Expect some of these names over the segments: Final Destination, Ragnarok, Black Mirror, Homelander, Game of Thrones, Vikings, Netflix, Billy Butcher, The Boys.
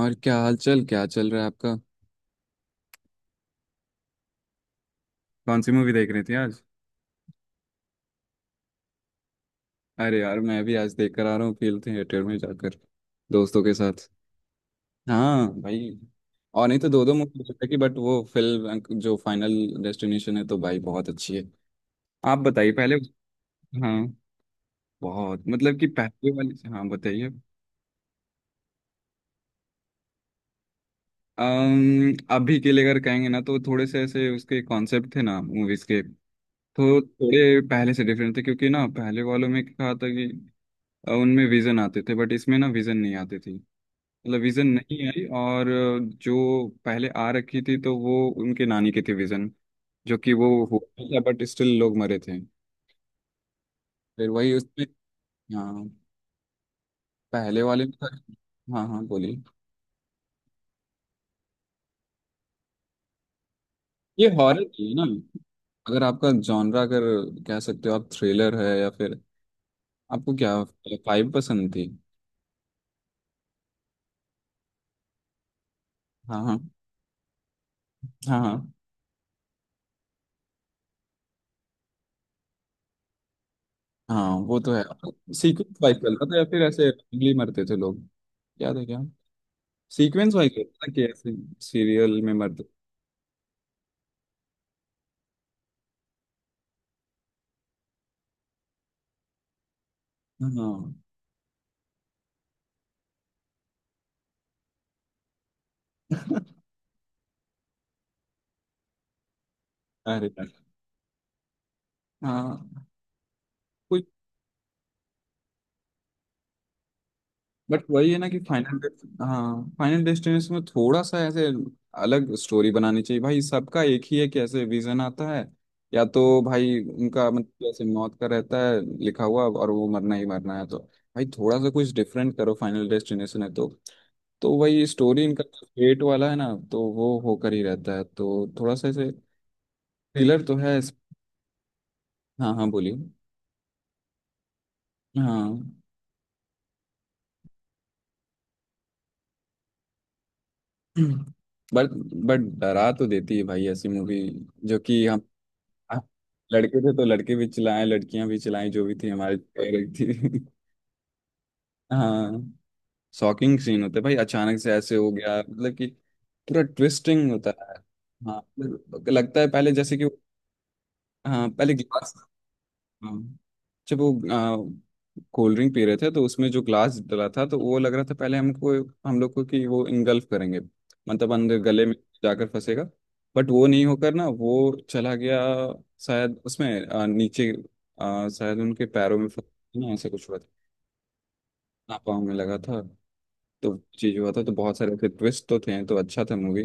और क्या हाल चाल क्या चल रहा है आपका? कौन सी मूवी देख रही थी आज? अरे यार, मैं भी आज देख कर आ रहा हूँ, फिल्म थिएटर में जाकर दोस्तों के साथ। हाँ भाई। और नहीं तो दो दो मूवी देख की, बट वो फिल्म जो फाइनल डेस्टिनेशन है, तो भाई बहुत अच्छी है। आप बताइए पहले। हाँ। बहुत, मतलब कि पहले वाली हाँ बताइए। अभी के लिए अगर कहेंगे ना, तो थोड़े से ऐसे उसके कॉन्सेप्ट थे ना मूवीज के। तो थोड़े पहले से डिफरेंट थे, क्योंकि ना पहले वालों में क्या था कि उनमें विजन आते थे, बट इसमें ना विजन नहीं आती थी। मतलब विजन नहीं आई, और जो पहले आ रखी थी, तो वो उनके नानी की थी विजन, जो कि वो हुआ था, बट स्टिल लोग मरे थे। फिर वही उसमें। हाँ, पहले वाले में था। हाँ हाँ बोलिए। ये हॉरर थी है ना। अगर आपका जॉनरा, अगर कह सकते हो आप थ्रिलर है, या फिर आपको क्या 5 पसंद थी? हाँ हाँ हाँ हाँ हाँ, वो तो है। सीक्रेट 5 चल रहा था, या फिर ऐसे randomly मरते थे लोग। याद है क्या? सीक्वेंस वाइज होता है कि ऐसे सीरियल में मर्द। हाँ अरे यार, हाँ। कोई, बट वही है ना कि फाइनल। हाँ, फाइनल डेस्टिनेशन में थोड़ा सा ऐसे अलग स्टोरी बनानी चाहिए भाई। सबका एक ही है कि ऐसे विजन आता है, या तो भाई उनका मतलब ऐसे मौत का रहता है लिखा हुआ, और वो मरना ही मरना है। तो भाई थोड़ा सा कुछ डिफरेंट करो। फाइनल डेस्टिनेशन है तो वही स्टोरी, इनका फेट वाला है ना, तो वो होकर ही रहता है। तो थोड़ा सा ऐसे थ्रिलर तो है हाँ हाँ बोलिए। हाँ, बट बट डरा तो देती है भाई ऐसी मूवी। जो कि हम लड़के थे, तो लड़के भी चिल्लाए, लड़कियां भी चिल्लाई, जो भी थी हमारे फेवरेट थी। हाँ। शॉकिंग सीन होते हैं भाई, अचानक से ऐसे हो गया, मतलब कि पूरा ट्विस्टिंग होता है। हाँ, मतलब लगता है पहले जैसे कि, हाँ पहले गिलास। हाँ। जब वो कोल्ड ड्रिंक पी रहे थे, तो उसमें जो ग्लास डला था, तो वो लग रहा था पहले हमको, हम लोग को, कि वो इंगल्फ करेंगे, मतलब अंदर गले में जाकर फंसेगा, बट वो नहीं होकर ना, वो चला गया। शायद उसमें नीचे शायद उनके पैरों में फंस ना, ऐसा कुछ हुआ था। ना पाँव में लगा था, तो चीज हुआ था, तो बहुत सारे ऐसे ट्विस्ट तो थे, तो अच्छा था मूवी।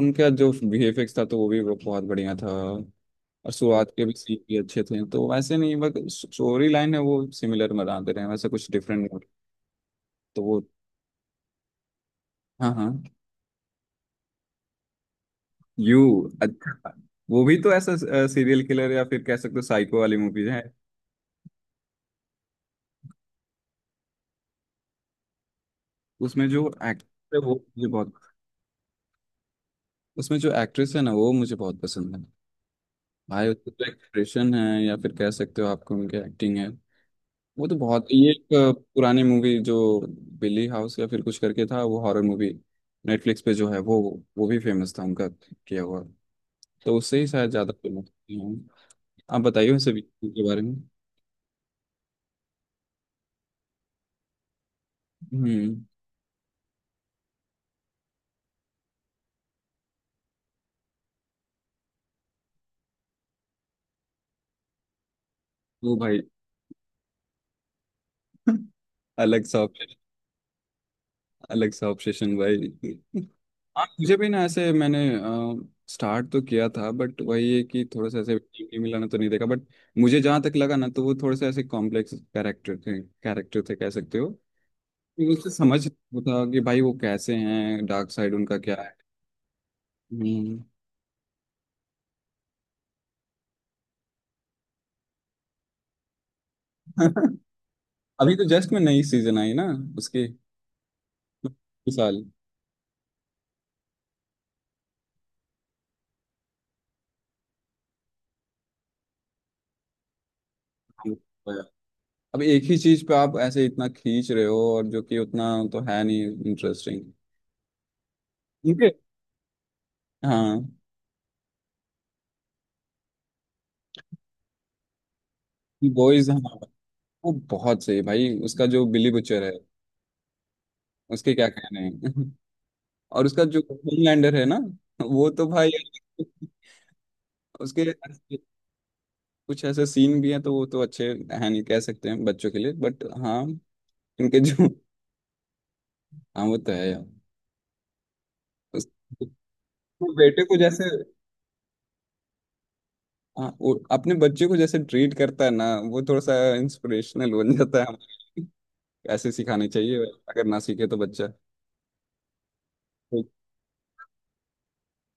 उनका जो वीएफएक्स था, तो वो भी बहुत बढ़िया था। और शुरुआत के भी सीन भी अच्छे थे, तो वैसे नहीं, बस स्टोरी लाइन है वो सिमिलर बनाते रहे हैं, वैसे कुछ डिफरेंट। तो वो, हाँ हाँ, यू। अच्छा, वो भी तो ऐसा सीरियल किलर, या फिर कह सकते हो साइको वाली मूवीज है। उसमें जो एक्ट्रेस है वो मुझे बहुत। उसमें जो एक्ट्रेस है ना, वो मुझे बहुत पसंद है। भाई उसका जो एक्सप्रेशन है, या फिर कह सकते हो आपको उनकी एक्टिंग है, वो तो बहुत। ये एक पुरानी मूवी, जो बिली हाउस या फिर कुछ करके था, वो हॉरर मूवी नेटफ्लिक्स पे जो है वो भी फेमस था उनका किया हुआ। तो उससे ही शायद ज्यादा फेमस हूँ। आप बताइए उनसे भी के बारे में। हम्म। वो भाई अलग सा obsession- अलग सा ऑब्सेशन भाई। हाँ मुझे भी ना, ऐसे मैंने स्टार्ट तो किया था, बट वही है कि थोड़ा सा ऐसे टीवी मिलाना तो नहीं देखा, बट मुझे जहाँ तक लगा ना, तो वो थोड़े से ऐसे कॉम्प्लेक्स कैरेक्टर थे, कैरेक्टर थे कह सकते हो। उससे समझ वो था कि भाई वो कैसे हैं, डार्क साइड उनका क्या है। हम्म अभी तो जस्ट में नई सीजन आई ना उसकी, इस साल। अब एक ही चीज पे आप ऐसे इतना खींच रहे हो, और जो कि उतना तो है नहीं इंटरेस्टिंग, क्योंकि हाँ। बॉयज, हाँ वो बहुत सही भाई। उसका जो बिली बुचर है, उसके क्या कहने हैं और उसका जो होमलैंडर है ना, वो तो भाई उसके ऐसे- कुछ ऐसे सीन भी हैं, तो वो तो अच्छे हैं, नहीं कह सकते हैं बच्चों के लिए, बट हाँ इनके जो हाँ वो तो है यार। उस वो बेटे को जैसे, हाँ वो अपने बच्चे को जैसे ट्रीट करता है ना, वो थोड़ा सा इंस्पिरेशनल बन जाता है। ऐसे सिखाने चाहिए, अगर ना सीखे तो बच्चा। कोई-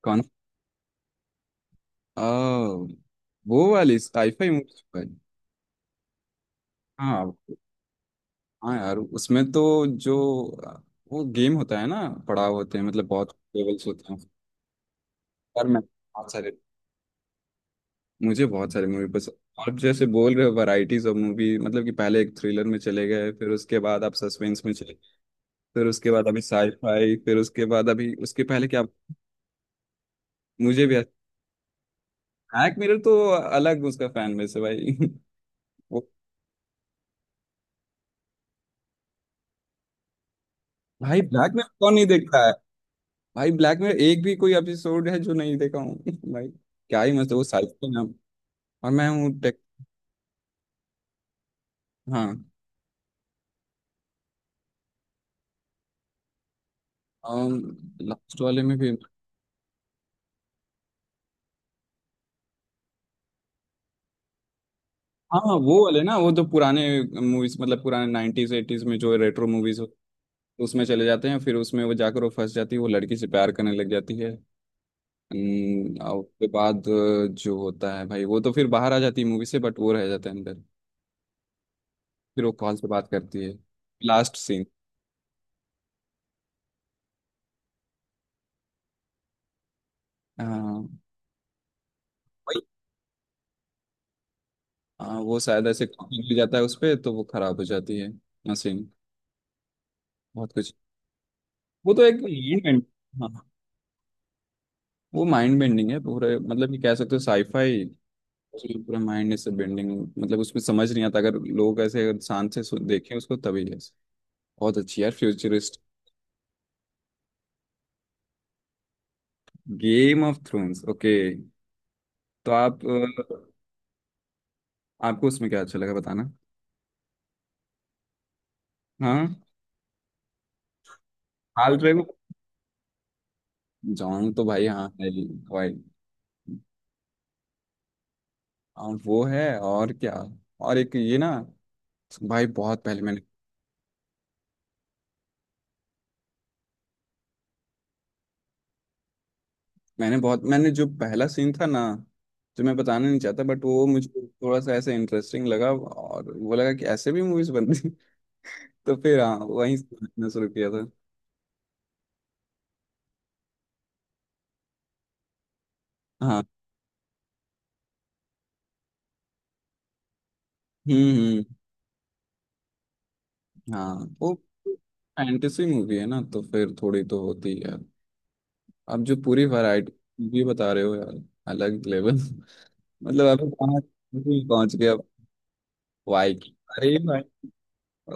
कौन? आ, वो वाली साइफाई मूवी? हाँ हाँ यार, उसमें तो जो वो गेम होता है ना, पड़ाव होते हैं, मतलब बहुत लेवल्स होते हैं। यार मैं बहुत सारे मुझे बहुत सारे मूवी पसंद। आप जैसे बोल रहे हो वैरायटीज ऑफ मूवी, मतलब कि पहले एक थ्रिलर में चले गए, फिर उसके बाद आप सस्पेंस में चले, फिर उसके बाद अभी साईफाई, फिर उसके बाद अभी उसके पहले क्या। मुझे भी। ब्लैक मिरर तो अलग उसका फैन बेस है भाई वो भाई, ब्लैक में कौन नहीं देखता है। भाई, ब्लैक में एक भी कोई एपिसोड है जो नहीं देखा हूँ भाई। क्या ही मस्त है वो साइकिल नाम, और मैं हूँ टेक। हाँ, लास्ट वाले में भी। हाँ वो वाले ना, वो तो पुराने मूवीज, मतलब पुराने 90s 80s में जो रेट्रो मूवीज हो, उसमें चले जाते हैं। फिर उसमें वो जाकर वो फंस जाती है, वो लड़की से प्यार करने लग जाती है। और उसके बाद जो होता है भाई, वो तो फिर बाहर आ जाती है मूवी से, बट वो रह जाता है अंदर। फिर वो कॉल से बात करती है, लास्ट सीन। हाँ हाँ, वो शायद ऐसे कॉफी मिल जाता है उस पे, तो वो खराब हो जाती है मशीन। बहुत कुछ, वो तो एक माइंड बेंड। हाँ, वो माइंड बेंडिंग है पूरे, मतलब कि कह सकते हो साईफाई, उसमें पूरा माइंड से बेंडिंग। मतलब उसमें समझ नहीं आता, अगर लोग ऐसे, अगर शांत से देखें उसको तभी ऐसे। बहुत अच्छी यार, futurist. Game of Thrones, okay. तो आपको उसमें क्या अच्छा लगा, बताना। हाँ, हाल ट्रेगो। जॉन तो भाई हाँ है ही, भाई। और वो है और क्या, और एक ये ना, भाई बहुत पहले मैंने, बहुत, मैंने जो पहला सीन था ना, जो मैं बताना नहीं चाहता, बट वो मुझे थोड़ा सा ऐसे इंटरेस्टिंग लगा, और वो लगा कि ऐसे भी मूवीज बनती हैं। तो फिर हाँ, वहीं से देखना शुरू किया था। हाँ, हम्म। हाँ, वो फैंटेसी मूवी है ना, तो फिर थोड़ी तो होती है। अब जो पूरी वैरायटी मूवी बता रहे हो यार, अलग लेवल मतलब अब कहाँ पहुंच गया। वाई। अरे भाई,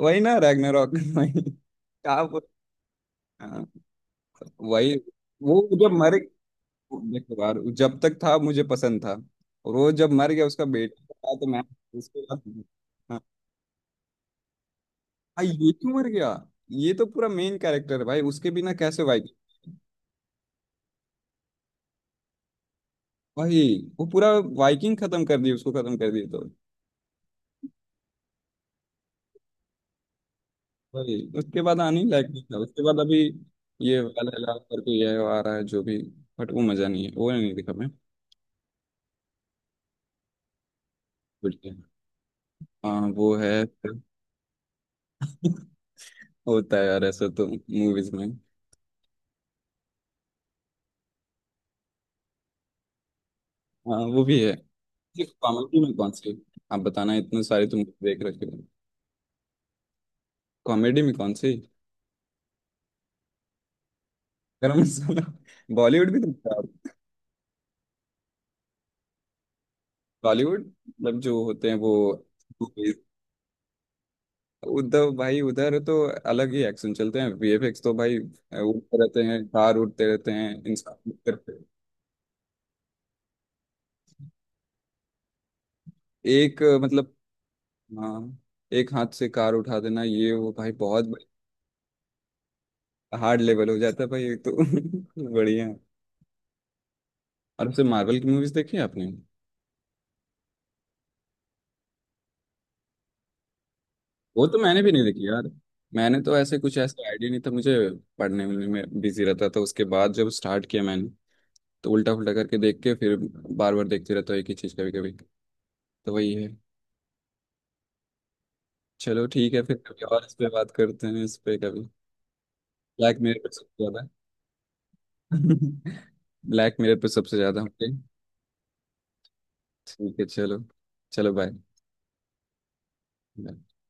वही ना रैग्नारॉक वही आप वही। वो जब मर देखो यार, जब तक था मुझे पसंद था, और वो जब मर गया, उसका बेटा था, तो मैं उसके बाद। हाँ हाँ, ये क्यों मर गया? ये तो पूरा मेन कैरेक्टर है भाई, उसके बिना कैसे वाइकिंग। भाई, वो पूरा वाइकिंग खत्म कर दी, उसको खत्म कर दी, तो भाई उसके बाद आने ही लायक नहीं था, उसके बाद अभी ये वाला करके ये आ रहा है जो भी, बट वो मजा नहीं है, वो नहीं दिखा मैं। बिल्कुल, हाँ वो है होता है यार ऐसा तो मूवीज में। हाँ, वो भी है। सिर्फ कॉमेडी में कौन सी, आप बताना, इतने सारे तुम देख रखे हो। कॉमेडी में कौन सी? गरम मसाला, बॉलीवुड भी देखते हो आप। बॉलीवुड मतलब, जो होते हैं वो उद्धव भाई, उधर तो अलग ही एक्शन चलते हैं, वीएफएक्स तो भाई उड़ते रहते हैं, कार उड़ते रहते हैं, इंसान करते हैं। एक मतलब, हाँ एक हाथ से कार उठा देना, ये वो भाई बहुत हार्ड लेवल हो जाता है, भाई ये तो बढ़िया। और उससे मार्वल की मूवीज देखी है आपने। वो तो मैंने भी नहीं देखी यार। मैंने तो ऐसे कुछ ऐसा आइडिया नहीं था मुझे, पढ़ने में बिजी रहता था। उसके बाद जब स्टार्ट किया मैंने, तो उल्टा फुल्टा करके देख के फिर बार बार देखते रहता हूँ एक ही चीज कभी कभी, तो वही है। चलो, ठीक है, फिर कभी और इस पे बात करते हैं, इस पे कभी। ब्लैक मिरर पे सबसे ज्यादा ब्लैक मिरर पे सबसे ज्यादा होते हैं। ठीक है, चलो। चलो बाय।